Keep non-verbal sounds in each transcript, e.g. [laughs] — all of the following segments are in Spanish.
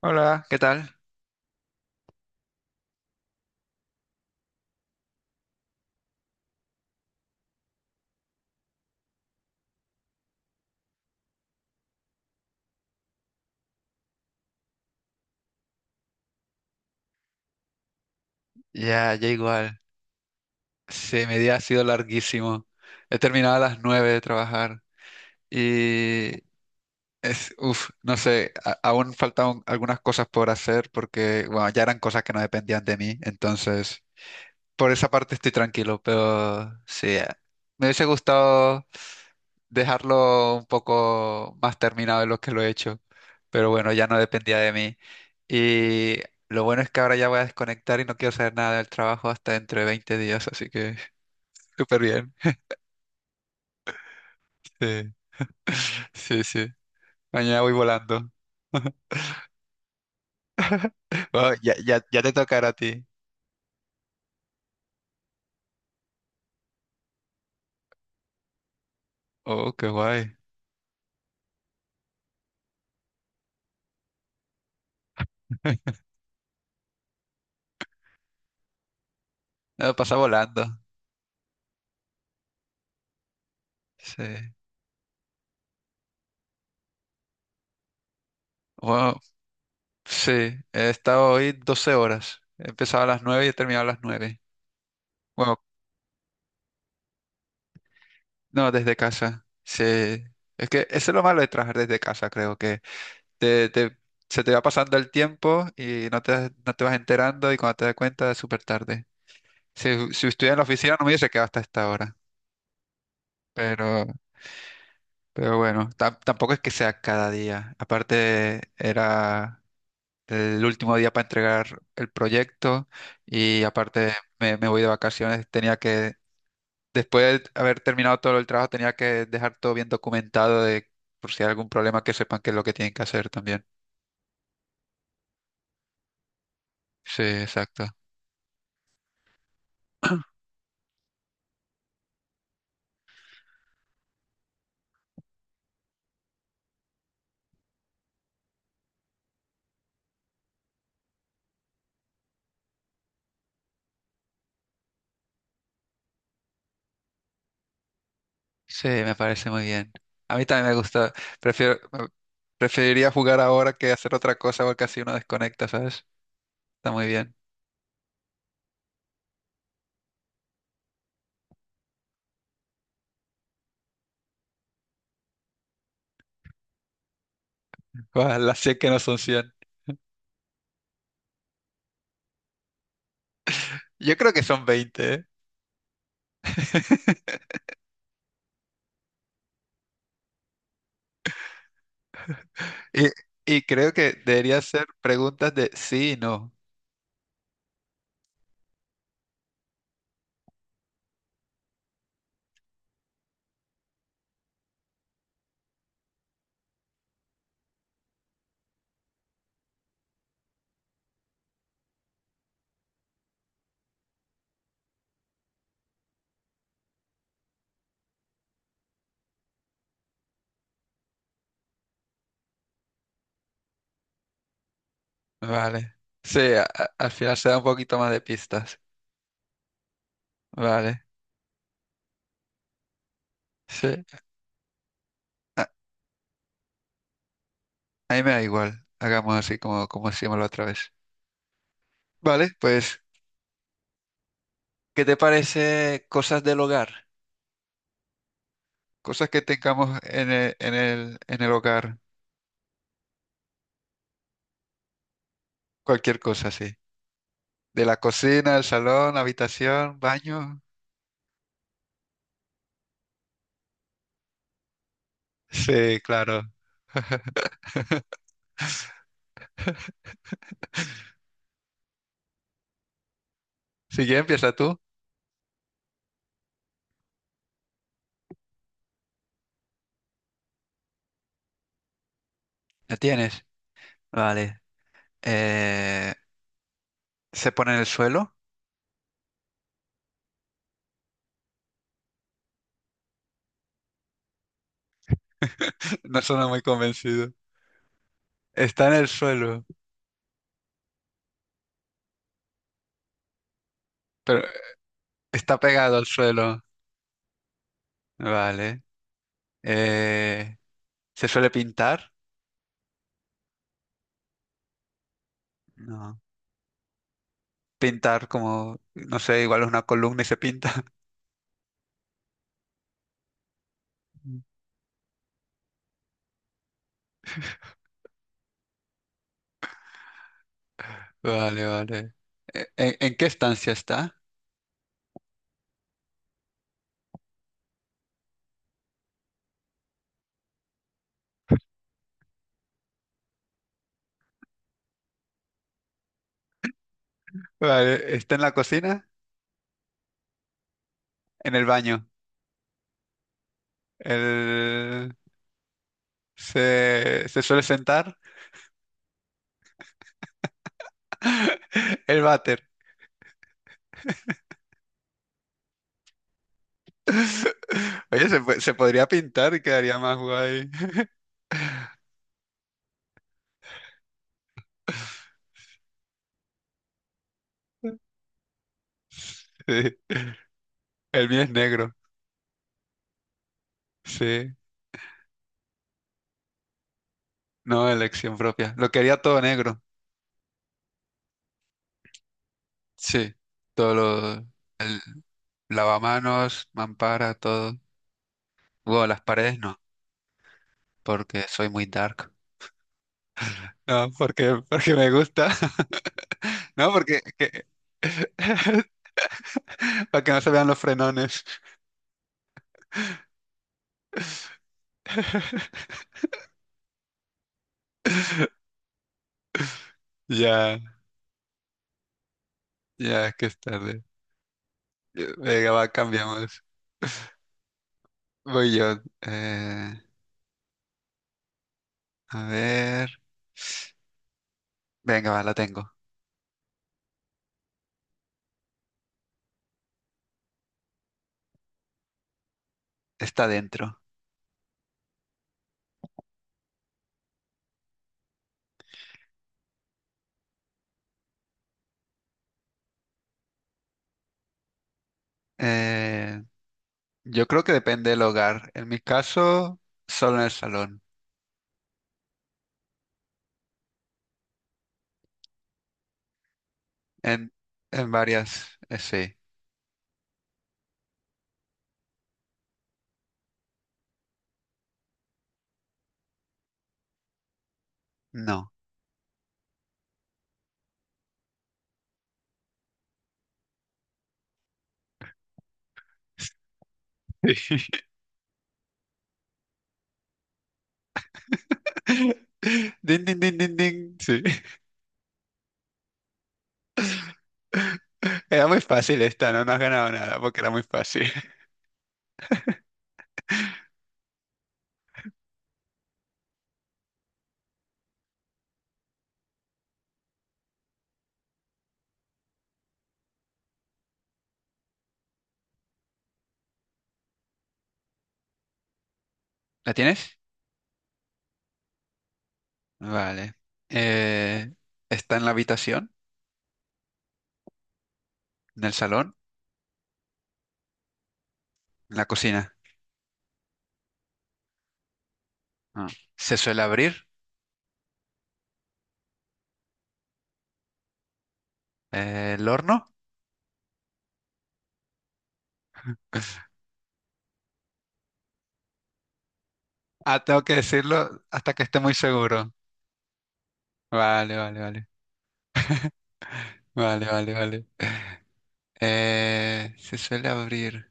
Hola, ¿qué tal? Ya, ya igual. Sí, mi día ha sido larguísimo. He terminado a las 9 de trabajar y es, uff, no sé, aún faltan algunas cosas por hacer porque, bueno, ya eran cosas que no dependían de mí, entonces. Por esa parte estoy tranquilo, pero sí, me hubiese gustado dejarlo un poco más terminado de lo que lo he hecho, pero bueno, ya no dependía de mí. Y lo bueno es que ahora ya voy a desconectar y no quiero saber nada del trabajo hasta dentro de 20 días, así que [laughs] súper bien. Sí, [laughs] sí, sí. Mañana voy volando. [laughs] Wow, ya, ya, ya te tocará a ti. Oh, qué guay. [laughs] No, pasa volando. Sí. Bueno, sí, he estado hoy 12 horas. He empezado a las 9 y he terminado a las 9. Bueno, no, desde casa. Sí. Es que eso es lo malo de trabajar desde casa, creo que te, te- se te va pasando el tiempo y no te vas enterando y cuando te das cuenta es súper tarde. Si estuviera en la oficina no me hubiese quedado hasta esta hora. Pero, pero bueno, tampoco es que sea cada día. Aparte era el último día para entregar el proyecto y aparte me voy de vacaciones, tenía que. Después de haber terminado todo el trabajo, tenía que dejar todo bien documentado de por si hay algún problema que sepan qué es lo que tienen que hacer también. Sí, exacto. Sí, me parece muy bien. A mí también me gusta. Prefiero, preferiría jugar ahora que hacer otra cosa porque así uno desconecta, ¿sabes? Está muy bien. Guau, las 100 que no son 100. Yo creo que son 20, ¿eh? [laughs] Y, y creo que debería ser preguntas de sí y no. Vale. Sí, al final se da un poquito más de pistas. Vale. Sí. Ah, a mí me da igual. Hagamos así como, como hacíamos la otra vez. Vale, pues, ¿qué te parece cosas del hogar? Cosas que tengamos en el hogar. Cualquier cosa, sí. De la cocina, el salón, habitación, baño. Sí, claro. [laughs] Si ya empieza tú. ¿La tienes? Vale. Eh, ¿Se pone en el suelo? [laughs] No suena muy convencido. Está en el suelo, pero está pegado al suelo. Vale. Eh, ¿Se suele pintar? No. Pintar como, no sé, igual es una columna y se pinta. [laughs] Vale, vale. ¿En qué estancia está? Vale, ¿está en la cocina? En el baño. El. Se suele sentar. [laughs] El váter. [laughs] Oye, se podría pintar y quedaría más guay. [laughs] Sí. El mío es negro. Sí. No, elección propia. Lo quería todo negro. Sí. Todo lo. El lavamanos, mampara, todo. Bueno, las paredes no, porque soy muy dark. No, porque me gusta. [laughs] No, porque. [laughs] Para que no se vean los frenones. [laughs] Ya, ya, que es tarde. Venga, va, cambiamos. Voy yo. A ver. Venga, va, la tengo. Está dentro. Eh, yo creo que depende del hogar. En mi caso, solo en el salón. En, en varias, sí. No. [laughs] [laughs] Din, din, din, din, din. Sí. Era muy fácil esta, no, no has ganado nada porque era muy fácil. [laughs] ¿La tienes? Vale. Eh, ¿Está en la habitación? ¿En el salón? ¿En la cocina? Ah. ¿Se suele abrir? ¿El horno? [laughs] Ah, tengo que decirlo hasta que esté muy seguro. Vale, vale, vale. Vale, vale, vale. Se suele abrir.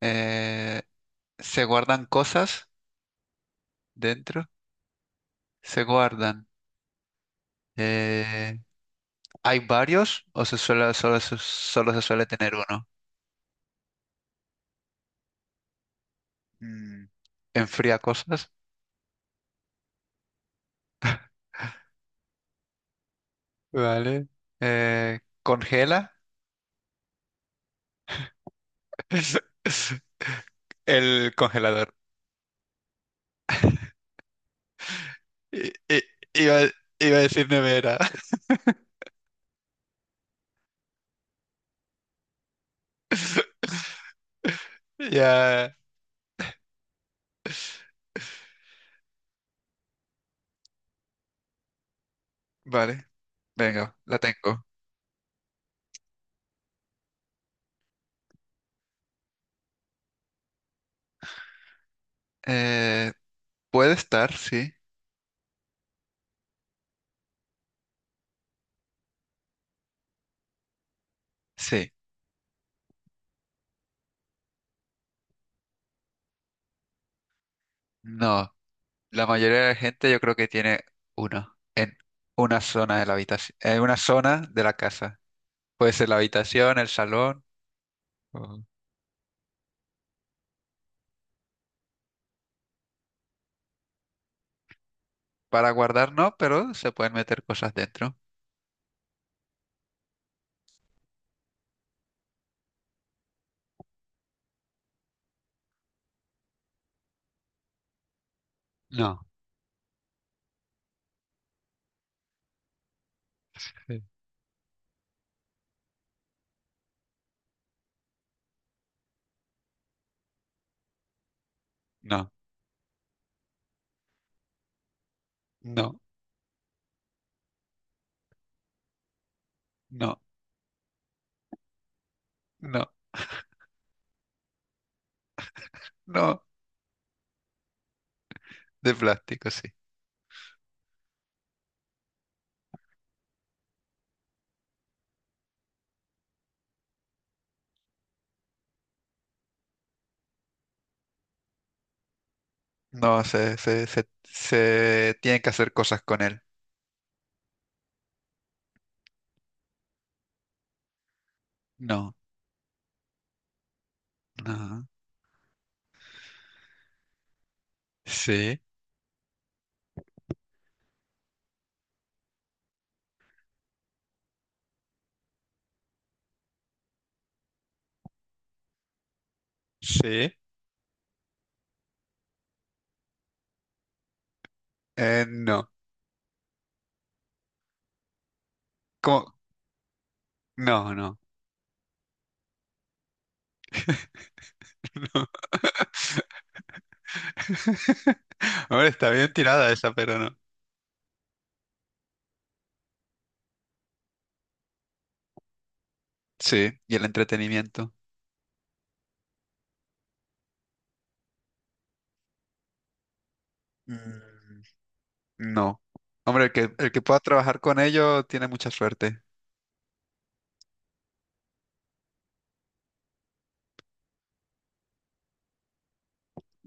Eh, ¿Se guardan cosas dentro? Se guardan. Eh, ¿Hay varios o se suele, solo se suele tener uno? Mm, ¿enfría cosas? Vale. ¿Congela? [laughs] El congelador. I- i- iba, iba a decir nevera. [laughs] Ya. Vale, venga, la tengo. Eh, ¿Puede estar? Sí. Sí. No. La mayoría de la gente yo creo que tiene uno en una zona de la habitación, en una zona de la casa. Puede ser la habitación, el salón. o- Para guardar no, pero se pueden meter cosas dentro. No, sí. No, no, no, no, no. De plástico, sí. No, se tienen que hacer cosas con él. No, no. Sí, sí. No. ¿Cómo? No, no. [laughs] No. [laughs] Hombre, está bien tirada esa, pero no. Sí, y el entretenimiento. Mm. No. Hombre, el que pueda trabajar con ellos tiene mucha suerte.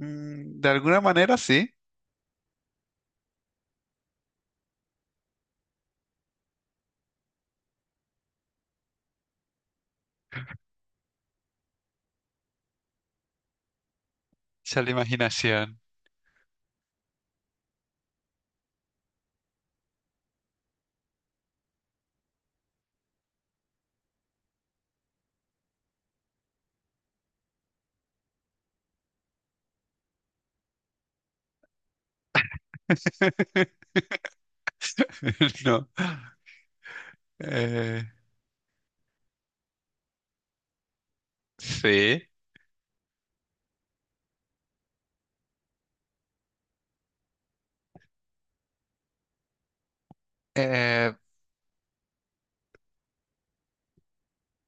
Mm, de alguna manera sí. Sea la imaginación. [laughs] No. Eh, sí. Eh,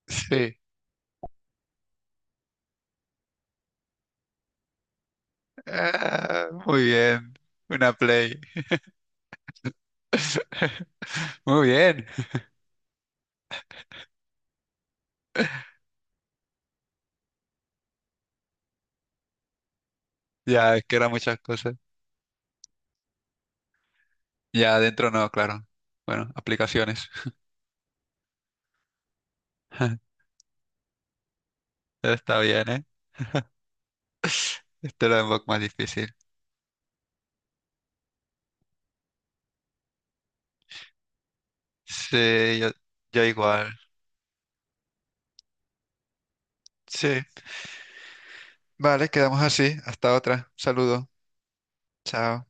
sí. Ah, muy bien. Una play. [laughs] Muy bien. Ya, es que eran muchas cosas. Ya, adentro no, claro. Bueno, aplicaciones. [laughs] Está bien, ¿eh? Este era un poco más difícil. Sí, yo igual. Sí. Vale, quedamos así. Hasta otra. Saludo. Chao.